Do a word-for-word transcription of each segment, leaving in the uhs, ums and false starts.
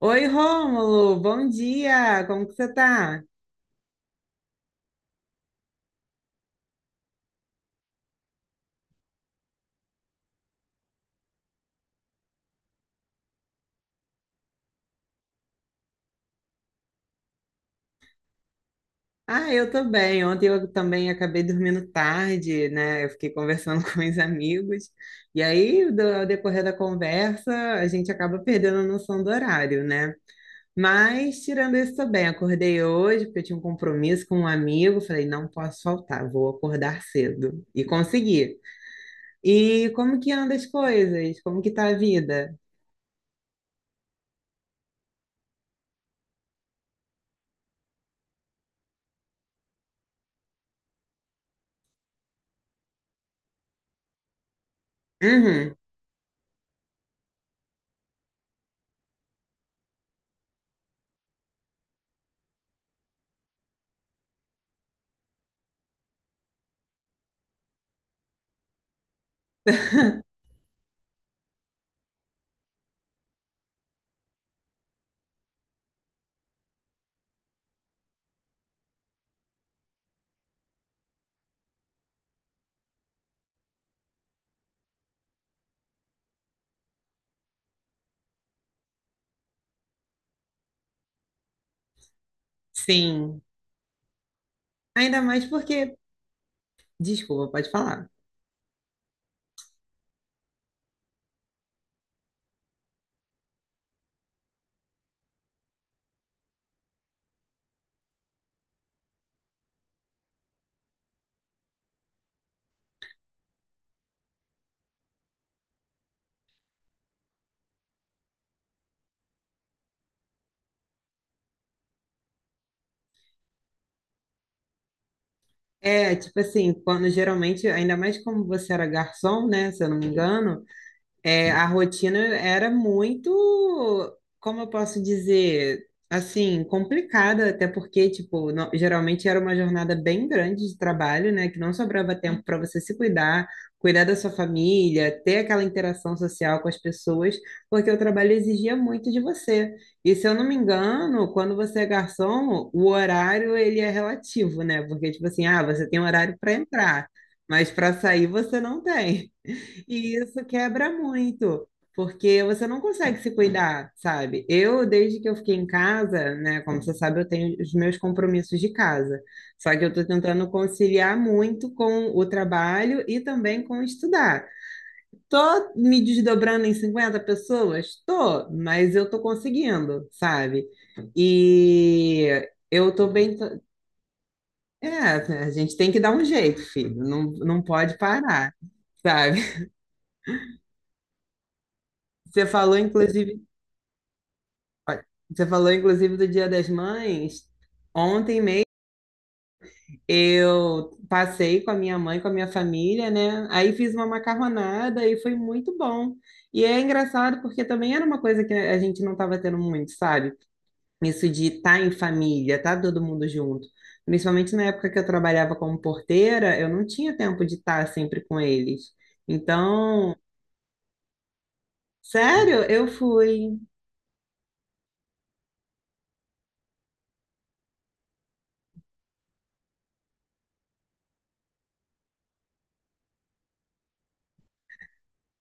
Oi, Rômulo, bom dia, como que você tá? Ah, eu tô bem. Ontem eu também acabei dormindo tarde, né? Eu fiquei conversando com os amigos. E aí, do- ao decorrer da conversa, a gente acaba perdendo a noção do horário, né? Mas, tirando isso, tô bem. Acordei hoje porque eu tinha um compromisso com um amigo. Falei, não posso faltar, vou acordar cedo. E consegui. E como que anda as coisas? Como que tá a vida? Uhum. Sim. Ainda mais porque Desculpa, pode falar. É, tipo assim, quando geralmente, ainda mais como você era garçom, né, se eu não me engano, é, a rotina era muito, como eu posso dizer, assim, complicada, até porque, tipo, não- geralmente era uma jornada bem grande de trabalho, né? Que não sobrava tempo para você se cuidar, cuidar da sua família, ter aquela interação social com as pessoas, porque o trabalho exigia muito de você. E se eu não me engano, quando você é garçom, o horário ele é relativo, né? Porque, tipo assim, ah, você tem horário para entrar, mas para sair você não tem. E isso quebra muito, porque você não consegue se cuidar, sabe? Eu, desde que eu fiquei em casa, né, como você sabe, eu tenho os meus compromissos de casa. Só que eu tô tentando conciliar muito com o trabalho e também com estudar. Tô me desdobrando em cinquenta pessoas? Tô, mas eu tô conseguindo, sabe? E eu tô bem. É, a gente tem que dar um jeito, filho. Não, não pode parar, sabe? Você falou, inclusive, Olha, Você falou, inclusive, do Dia das Mães. Ontem mesmo eu passei com a minha mãe, com a minha família, né? Aí fiz uma macarronada e foi muito bom. E é engraçado porque também era uma coisa que a gente não estava tendo muito, sabe? Isso de estar em família, estar todo mundo junto. Principalmente na época que eu trabalhava como porteira, eu não tinha tempo de estar sempre com eles. Então, sério, eu fui.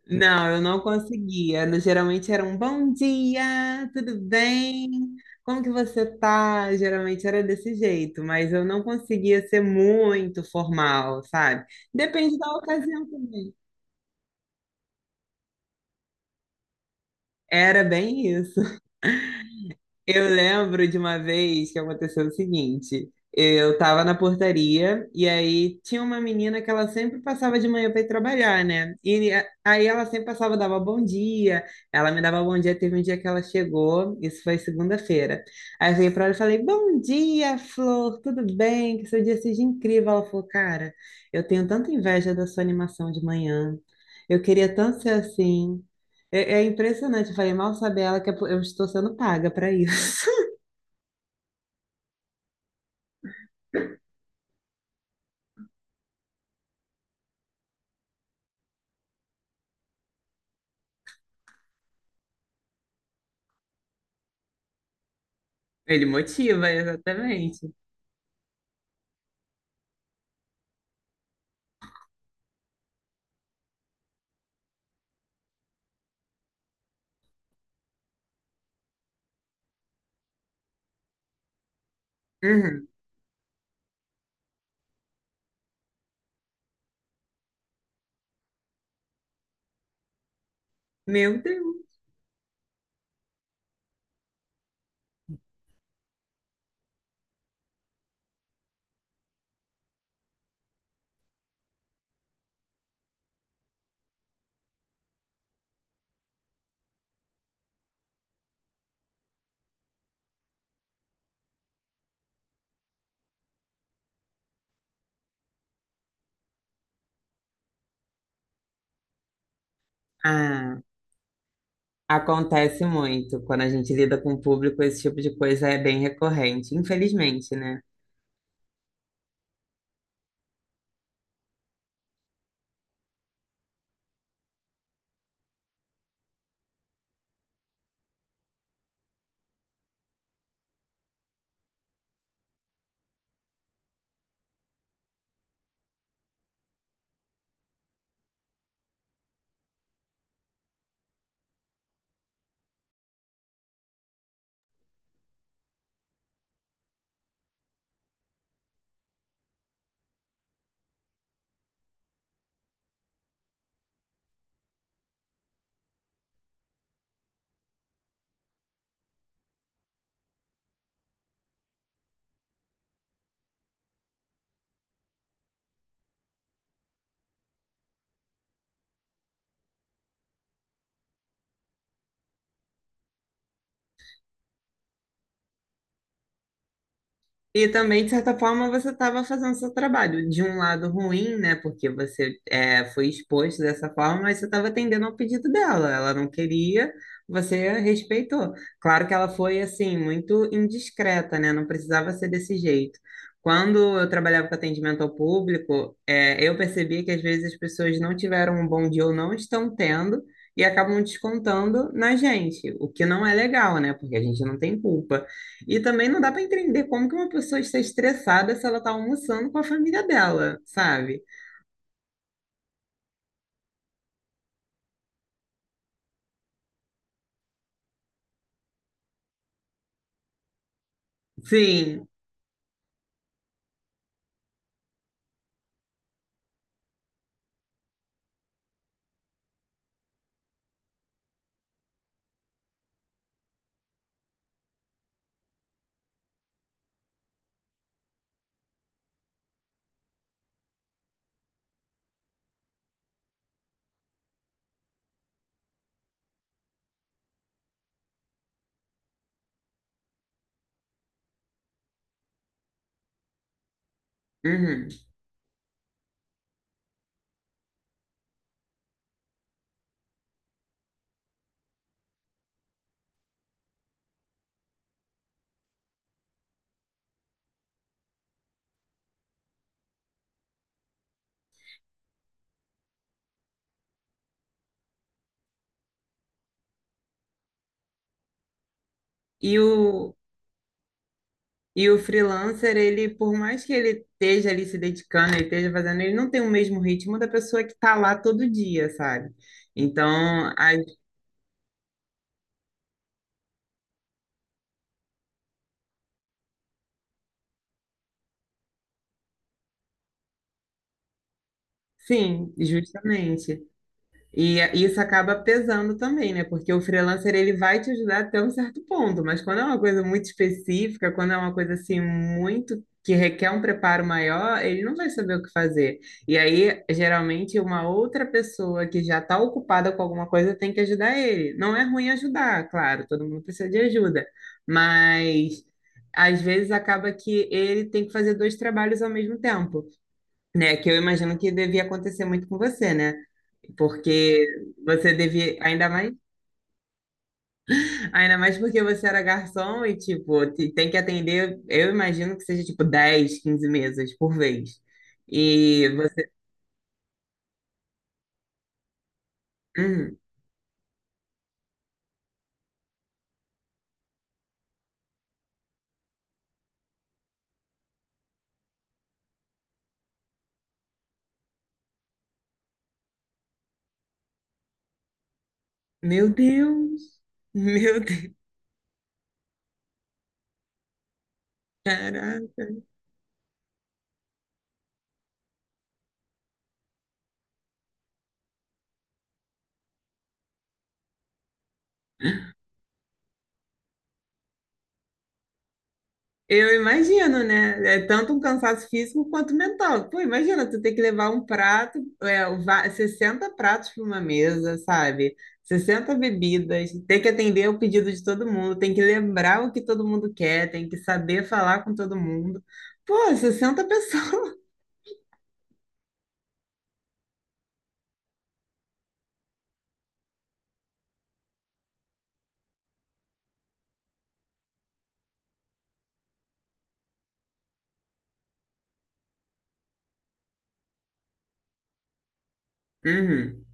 Não, eu não conseguia. No- Geralmente era um bom dia, tudo bem? Como que você tá? Geralmente era desse jeito, mas eu não conseguia ser muito formal, sabe? Depende da ocasião também. Era bem isso. Eu lembro de uma vez que aconteceu o seguinte: eu tava na portaria e aí tinha uma menina que ela sempre passava de manhã para ir trabalhar, né? E a- aí ela sempre passava, dava bom dia, ela me dava bom dia. Teve um dia que ela chegou, isso foi segunda-feira. Aí eu veio para ela e falei: Bom dia, Flor, tudo bem? Que seu dia seja incrível. Ela falou: Cara, eu tenho tanta inveja da sua animação de manhã. Eu queria tanto ser assim. É, é impressionante, eu falei, mal sabe ela que eu estou sendo paga para isso. Ele motiva, exatamente. Uhum. Meu Deus. Ah, acontece muito. Quando a gente lida com o público, esse tipo de coisa é bem recorrente, infelizmente, né? E também, de certa forma, você estava fazendo seu trabalho. De um lado ruim, né? Porque você é, foi exposto dessa forma, mas você estava atendendo ao pedido dela. Ela não queria, você respeitou. Claro que ela foi, assim, muito indiscreta, né? Não precisava ser desse jeito. Quando eu trabalhava com atendimento ao público, é, eu percebi que às vezes as pessoas não tiveram um bom dia ou não estão tendo e acabam descontando na gente, o que não é legal, né? Porque a gente não tem culpa. E também não dá para entender como que uma pessoa está estressada se ela está almoçando com a família dela, sabe? Sim. Uhum. E o, e o freelancer, ele, por mais que ele esteja ali se dedicando, ele esteja fazendo, ele não tem o mesmo ritmo da pessoa que está lá todo dia, sabe? Então, a- sim, justamente. E a- isso acaba pesando também, né? Porque o freelancer ele vai te ajudar até um certo ponto, mas quando é uma coisa muito específica, quando é uma coisa assim muito que requer um preparo maior, ele não vai saber o que fazer. E aí, geralmente, uma outra pessoa que já está ocupada com alguma coisa tem que ajudar ele. Não é ruim ajudar, claro, todo mundo precisa de ajuda, mas às vezes acaba que ele tem que fazer dois trabalhos ao mesmo tempo, né? Que eu imagino que devia acontecer muito com você, né? Porque você devia, ainda mais, ainda mais porque você era garçom e, tipo, te- tem que atender, eu imagino que seja, tipo, dez quinze mesas por vez. E você, hum, meu Deus, meu Deus, caraca. Eu imagino, né? É tanto um cansaço físico quanto mental. Pô, imagina, tu ter que levar um prato, é, o va- sessenta pratos para uma mesa, sabe? Sessenta bebidas, ter que atender o pedido de todo mundo, tem que lembrar o que todo mundo quer, tem que saber falar com todo mundo. Pô, sessenta pessoas. Uhum.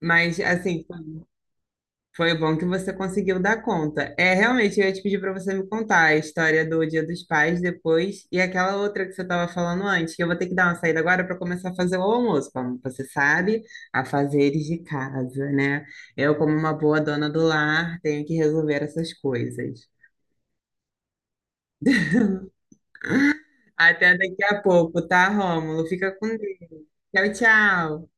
Mas, assim, Foi bom que você conseguiu dar conta. É, realmente, eu ia te pedir para você me contar a história do Dia dos Pais depois e aquela outra que você estava falando antes, que eu vou ter que dar uma saída agora para começar a fazer o almoço, como você sabe, afazeres de casa, né? Eu, como uma boa dona do lar, tenho que resolver essas coisas. Até daqui a pouco, tá, Rômulo? Fica com Deus. Tchau, tchau.